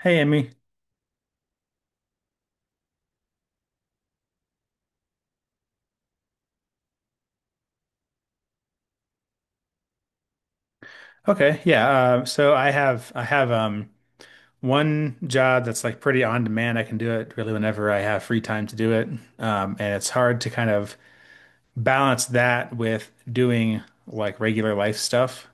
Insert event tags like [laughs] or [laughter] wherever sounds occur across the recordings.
Hey, Emmy. Okay, yeah. So I have one job that's like pretty on demand. I can do it really whenever I have free time to do it. And it's hard to kind of balance that with doing like regular life stuff.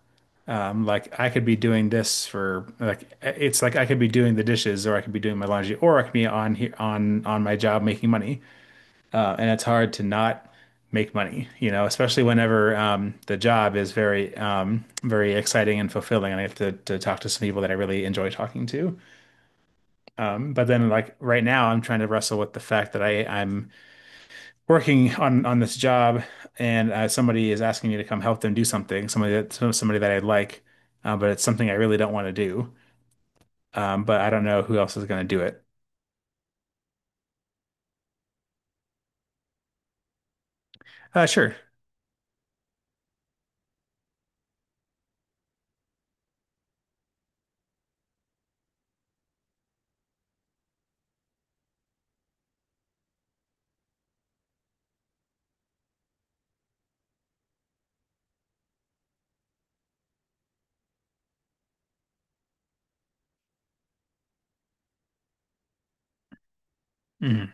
Like I could be doing this for like it's like I could be doing the dishes or I could be doing my laundry or I could be on here on my job making money. And it's hard to not make money, you know, especially whenever the job is very, very exciting and fulfilling, and I have to talk to some people that I really enjoy talking to. But then, like right now, I'm trying to wrestle with the fact that I'm working on this job, and somebody is asking me to come help them do something, somebody that I like, but it's something I really don't want to do. But I don't know who else is going to do it. Sure. Mhm.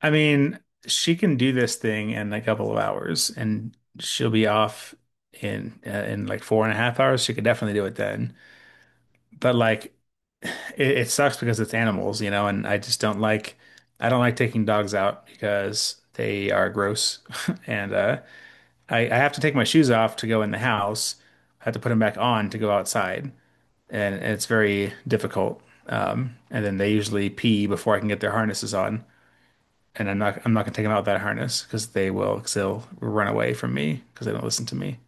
I mean, she can do this thing in a couple of hours, and she'll be off in like 4.5 hours. She could definitely do it then. But like, it sucks because it's animals, you know, and I don't like taking dogs out because they are gross, [laughs] and I have to take my shoes off to go in the house. I have to put them back on to go outside, and it's very difficult. And then they usually pee before I can get their harnesses on, and I'm not gonna take them out of that harness because they will because they'll run away from me because they don't listen to me.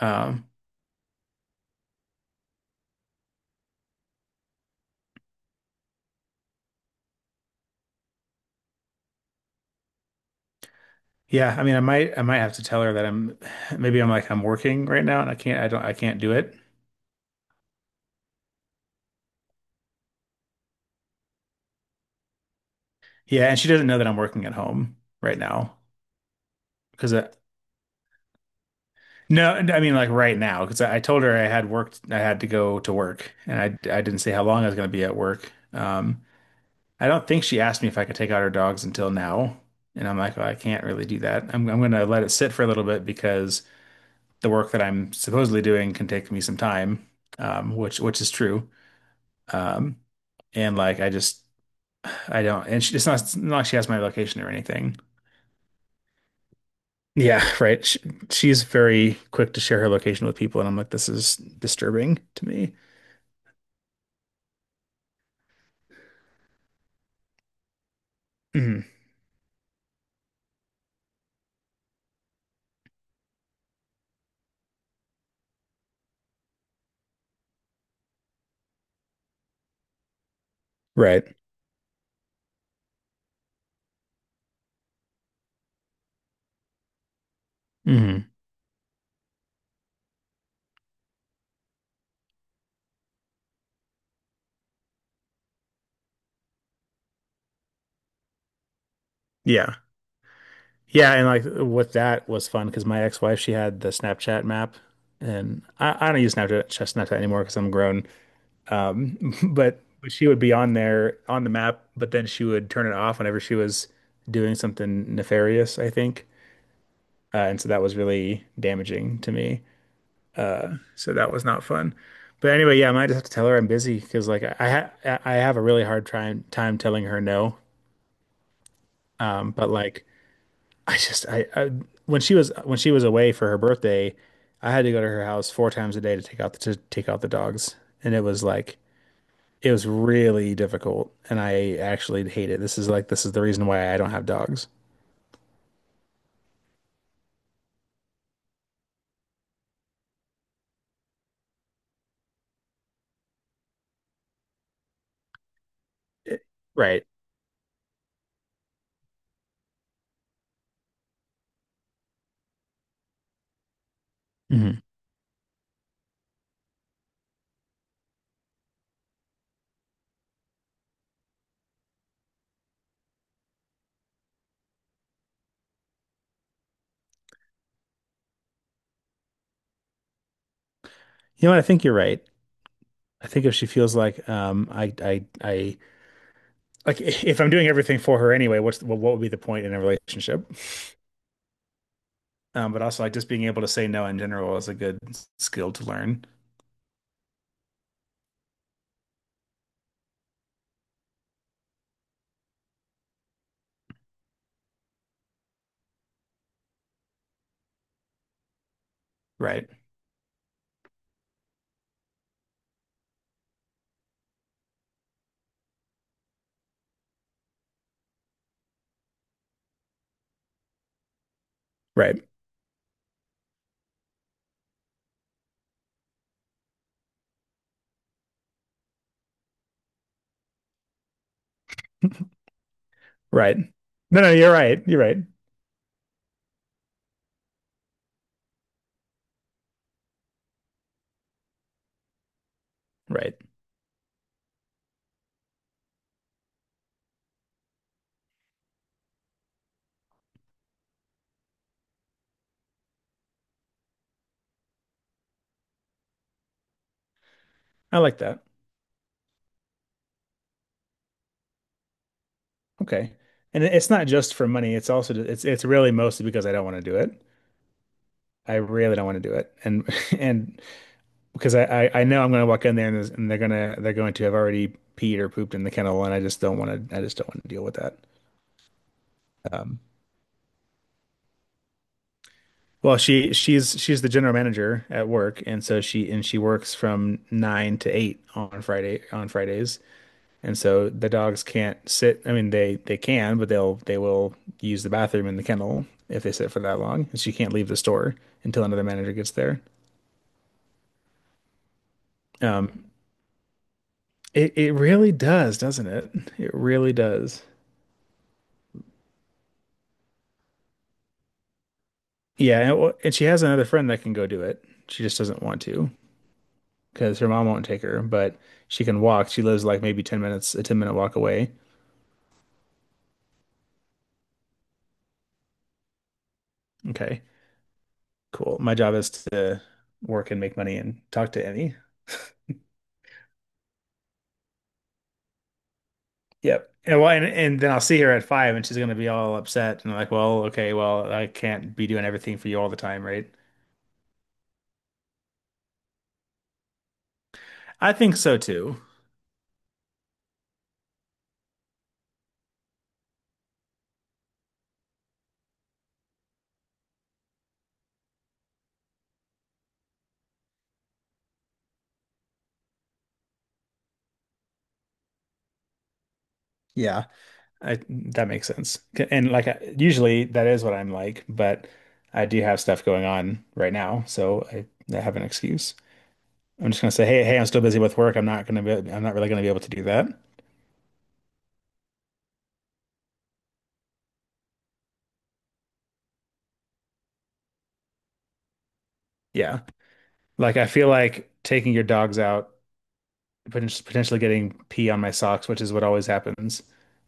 Um, yeah, I mean, I might have to tell her that I'm working right now and I can't do it. Yeah, and she doesn't know that I'm working at home right now. Because No, I mean, like, right now because I told her I had to go to work, and I didn't say how long I was gonna be at work. I don't think she asked me if I could take out her dogs until now. And I'm like, well, I can't really do that. I'm going to let it sit for a little bit because the work that I'm supposedly doing can take me some time, which is true. Um, and like I don't, it's not like she has my location or anything. Yeah, right. She's very quick to share her location with people, and I'm like, this is disturbing to me. Mhm. Right. Hmm. Yeah. Yeah, and like with that was fun because my ex-wife, she had the Snapchat map, and I don't use Snapchat anymore because I'm grown. But she would be on there on the map, but then she would turn it off whenever she was doing something nefarious, I think. And so that was really damaging to me. So that was not fun. But anyway, yeah, I might just have to tell her I'm busy because like I have a really hard time telling her no. But like I when she was away for her birthday, I had to go to her house four times a day to take out the dogs, and it was really difficult, and I actually hate it. This is the reason why I don't have dogs. Right. Hmm. You know what? I think you're right. I think if she feels like, like [laughs] if I'm doing everything for her anyway, what would be the point in a relationship? But also, like, just being able to say no in general is a good skill to learn. Right. Right. [laughs] Right. No, no, you're right. You're right. Right. I like that. Okay. And it's not just for money. It's also, it's really mostly because I don't want to do it. I really don't want to do it. And [laughs] And because I know I'm going to walk in there, and they're going to have already peed or pooped in the kennel, and I just don't want to deal with that. Um, well, she she's the general manager at work, and so she works from 9 to 8 on Fridays. And so the dogs can't sit. I mean, they can, but they will use the bathroom in the kennel if they sit for that long. And she can't leave the store until another manager gets there. Um, It it really does, doesn't it? It really does. Yeah, and she has another friend that can go do it. She just doesn't want to, because her mom won't take her, but she can walk. She lives like maybe 10 minutes, a 10-minute walk away. Okay, cool. My job is to work and make money and talk to Emmy. Yep. And well, and then I'll see her at five, and she's gonna be all upset and like, well, okay, well, I can't be doing everything for you all the time, right? I think so too. Yeah. I that makes sense. And like, usually that is what I'm like, but I do have stuff going on right now, so I have an excuse. I'm just gonna say, hey, I'm still busy with work. I'm not really gonna be able to do that. Yeah. Like, I feel like taking your dogs out, potentially getting pee on my socks, which is what always happens,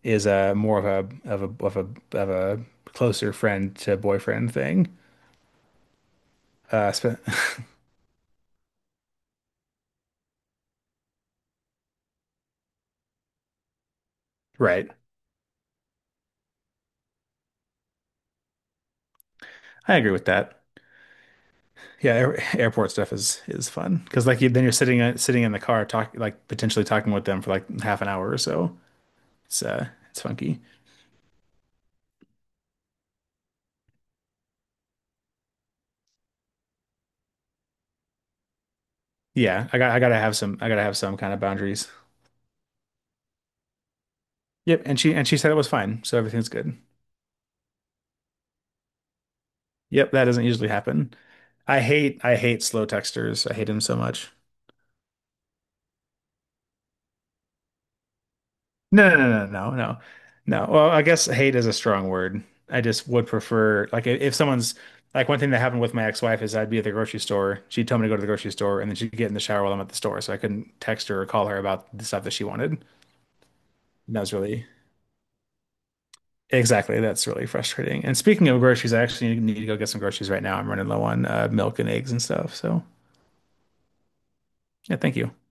is a more of a of a of a of a closer friend to boyfriend thing. Uh, sp- [laughs] right. I agree with that. Yeah, airport stuff is fun because like then you're sitting in the car talk like potentially talking with them for like half an hour or so. It's funky. Yeah, I gotta have some kind of boundaries. Yep, and she said it was fine, so everything's good. Yep, that doesn't usually happen. I hate slow texters. I hate them so much. No, no, no, no, no, no. No. Well, I guess hate is a strong word. I just would prefer, like, I- if someone's like one thing that happened with my ex-wife is I'd be at the grocery store. She'd tell me to go to the grocery store, and then she'd get in the shower while I'm at the store, so I couldn't text her or call her about the stuff that she wanted. And that was really exactly, that's really frustrating. And speaking of groceries, I actually need to go get some groceries right now. I'm running low on milk and eggs and stuff. So yeah, thank you.